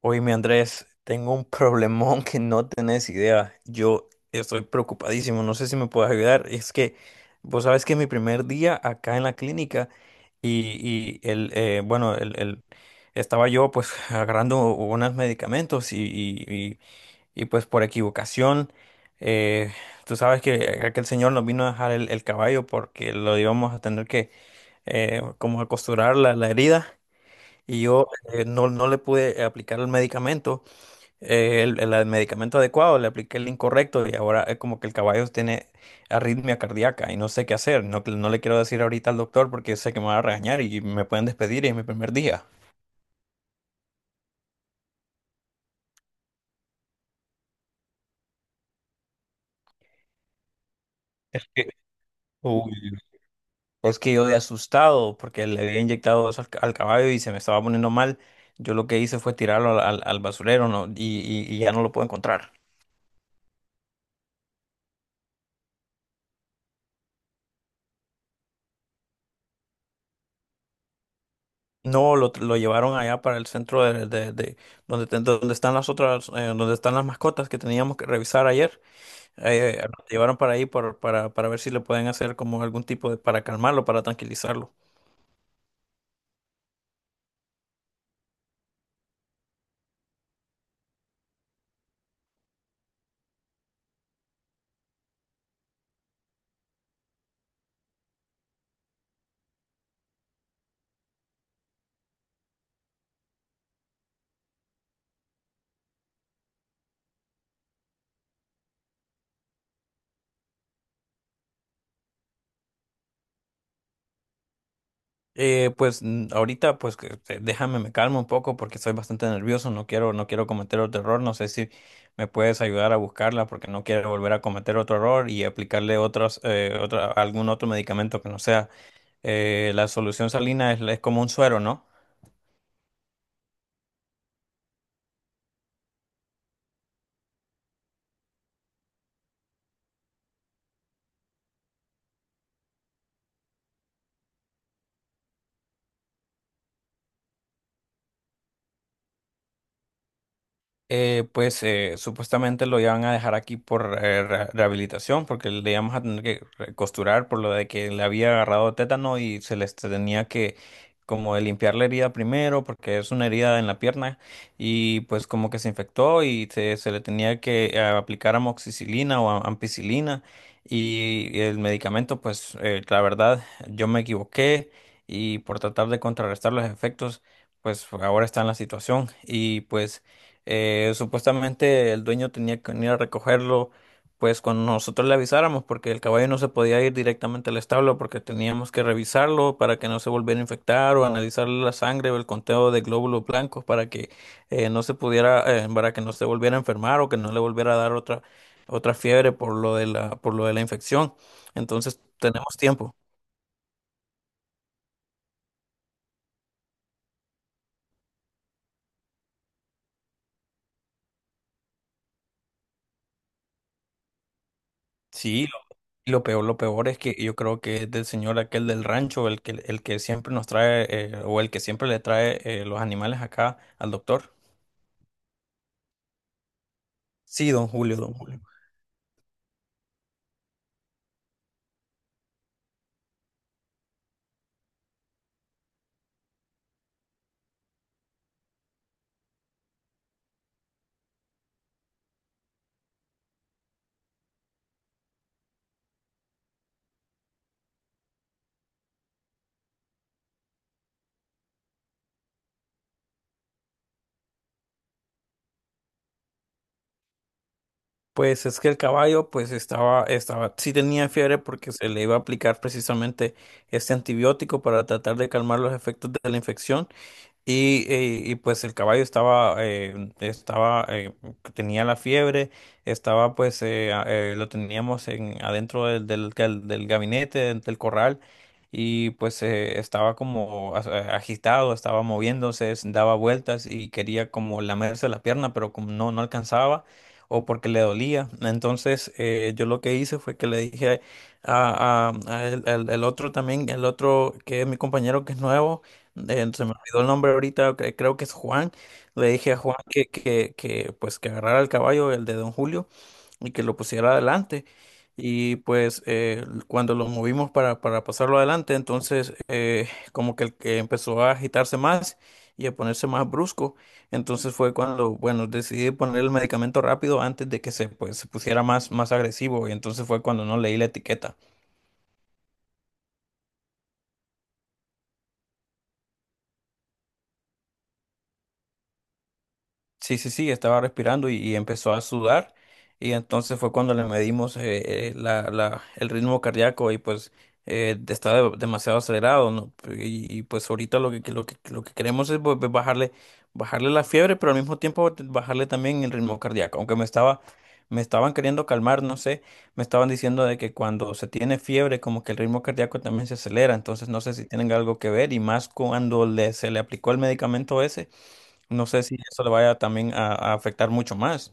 Oye, mi Andrés, tengo un problemón que no tenés idea. Yo estoy preocupadísimo, no sé si me puedes ayudar. Es que vos sabes que es mi primer día acá en la clínica y el, bueno, estaba yo pues agarrando unos medicamentos y, y, pues por equivocación, eh, tú sabes que aquel señor nos vino a dejar el caballo porque lo íbamos a tener que como a costurar la herida. Y yo, no, no le pude aplicar el medicamento, el medicamento adecuado. Le apliqué el incorrecto y ahora es como que el caballo tiene arritmia cardíaca y no sé qué hacer. No, no le quiero decir ahorita al doctor porque sé que me va a regañar y me pueden despedir y es mi primer día. Uy. Es que yo de asustado porque le había inyectado eso al caballo y se me estaba poniendo mal. Yo lo que hice fue tirarlo al basurero, ¿no? Y, y ya no lo puedo encontrar. No, lo llevaron allá para el centro de donde, donde están las otras, donde están las mascotas que teníamos que revisar ayer. Lo llevaron para ahí para ver si le pueden hacer como algún tipo de, para calmarlo, para tranquilizarlo. Pues mm, ahorita, pues que déjame, me calmo un poco porque estoy bastante nervioso, no quiero, no quiero cometer otro error. No sé si me puedes ayudar a buscarla porque no quiero volver a cometer otro error y aplicarle otros, algún otro medicamento que no sea. La solución salina es como un suero, ¿no? Supuestamente lo iban a dejar aquí por rehabilitación, porque le íbamos a tener que costurar por lo de que le había agarrado tétano y se les tenía que como de limpiar la herida primero, porque es una herida en la pierna, y pues como que se infectó y se le tenía que aplicar amoxicilina o ampicilina, y el medicamento, pues la verdad, yo me equivoqué y por tratar de contrarrestar los efectos, pues ahora está en la situación y pues... Supuestamente el dueño tenía que venir a recogerlo, pues cuando nosotros le avisáramos, porque el caballo no se podía ir directamente al establo, porque teníamos que revisarlo para que no se volviera a infectar o analizar la sangre o el conteo de glóbulos blancos para que no se pudiera, para que no se volviera a enfermar o que no le volviera a dar otra otra fiebre por lo de la por lo de la infección. Entonces tenemos tiempo. Sí, y lo peor, lo peor es que yo creo que es del señor aquel del rancho, el que siempre nos trae, o el que siempre le trae los animales acá al doctor. Sí, don Julio, don Julio. Pues es que el caballo, pues estaba, estaba, sí tenía fiebre porque se le iba a aplicar precisamente este antibiótico para tratar de calmar los efectos de la infección. Y pues el caballo estaba, tenía la fiebre, estaba pues, lo teníamos en, adentro del gabinete, del corral, y pues estaba como agitado, estaba moviéndose, se daba vueltas y quería como lamerse la pierna, pero como no, no alcanzaba, o porque le dolía. Entonces yo lo que hice fue que le dije a, a- a el otro también, el otro que es mi compañero que es nuevo, eh, se me olvidó el nombre ahorita, creo que es Juan. Le dije a Juan que, pues que agarrara el caballo, el de don Julio, y que lo pusiera adelante. Y pues cuando lo movimos para pasarlo adelante, entonces como que el que empezó a agitarse más y a ponerse más brusco. Entonces fue cuando, bueno, decidí poner el medicamento rápido antes de que se, pues, se pusiera más, más agresivo. Y entonces fue cuando no leí la etiqueta. Sí, sí, sí, estaba respirando y empezó a sudar y entonces fue cuando le medimos el ritmo cardíaco y pues está demasiado acelerado, ¿no? Y, y pues ahorita lo que, lo que, lo que queremos es pues, bajarle, bajarle la fiebre, pero al mismo tiempo bajarle también el ritmo cardíaco, aunque me estaba, me estaban queriendo calmar, no sé, me estaban diciendo de que cuando se tiene fiebre como que el ritmo cardíaco también se acelera. Entonces no sé si tienen algo que ver y más cuando le, se le aplicó el medicamento ese, no sé si eso le vaya también a afectar mucho más.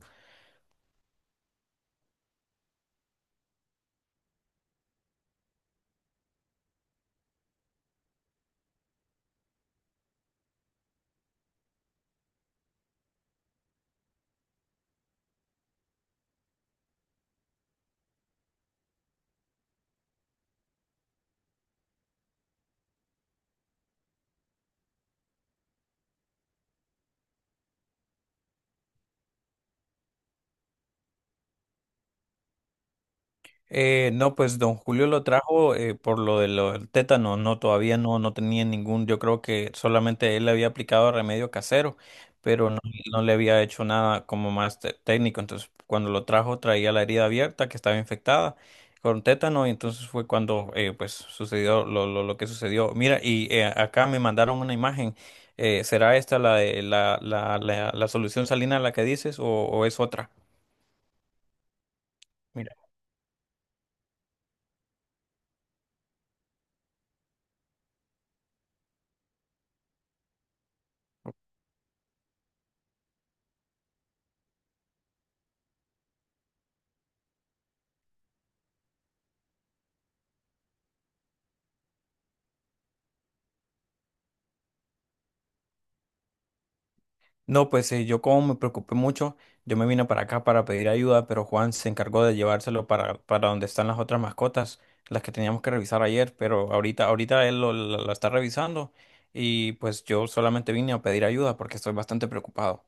No, pues don Julio lo trajo por lo de lo del tétano. No, todavía no, no tenía ningún, yo creo que solamente él le había aplicado remedio casero, pero no, no le había hecho nada como más técnico. Entonces, cuando lo trajo traía la herida abierta que estaba infectada con tétano, y entonces fue cuando pues sucedió lo que sucedió. Mira, y acá me mandaron una imagen. ¿Será esta la, de- la solución salina la que dices o es otra? Mira, no, pues yo como me preocupé mucho, yo me vine para acá para pedir ayuda, pero Juan se encargó de llevárselo para donde están las otras mascotas, las que teníamos que revisar ayer. Pero ahorita, ahorita él lo, la la está revisando y pues yo solamente vine a pedir ayuda porque estoy bastante preocupado.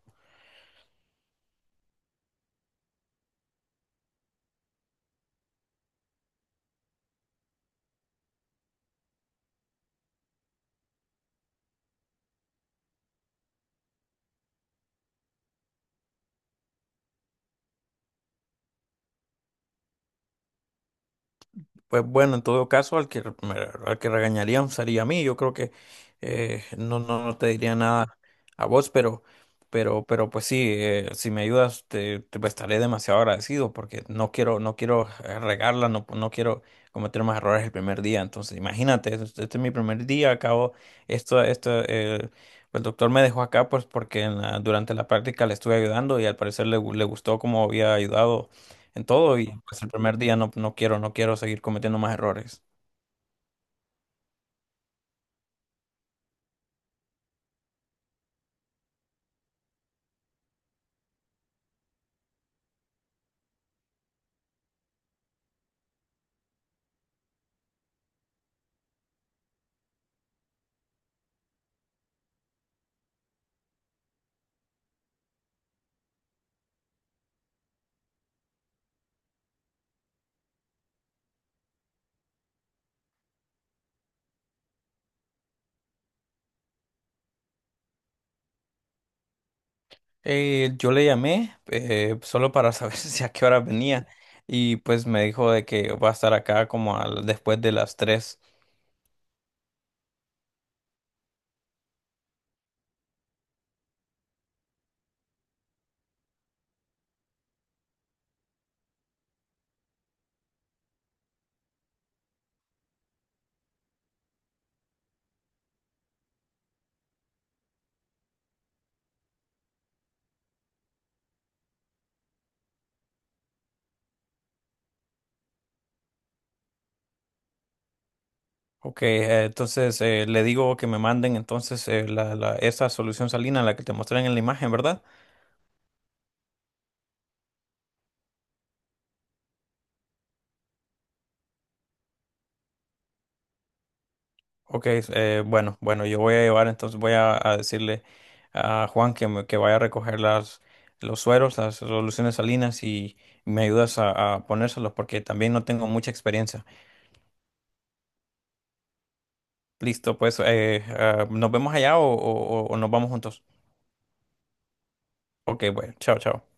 Pues bueno, en todo caso, al que, al que regañarían sería a mí. Yo creo que no, no, no te diría nada a vos, pero pues sí, si me ayudas, te pues, estaré demasiado agradecido porque no quiero, no quiero regarla, no, no quiero cometer más errores el primer día. Entonces, imagínate, este, es mi primer día, acabo, esto, pues, el doctor me dejó acá pues porque en durante la práctica le estuve ayudando y al parecer le, le gustó cómo había ayudado en todo. Y pues el primer día no, no quiero, no quiero seguir cometiendo más errores. Yo le llamé solo para saber si a qué hora venía y pues me dijo de que va a estar acá como después de las tres. Ok, entonces le digo que me manden entonces esa solución salina, la que te mostré en la imagen, ¿verdad? Ok, bueno, bueno, yo voy a llevar, entonces voy a decirle a Juan que vaya a recoger las, los sueros, las soluciones salinas, y me ayudas a ponérselos porque también no tengo mucha experiencia. Listo, pues nos vemos allá o, o nos vamos juntos. Ok, bueno, chao, chao.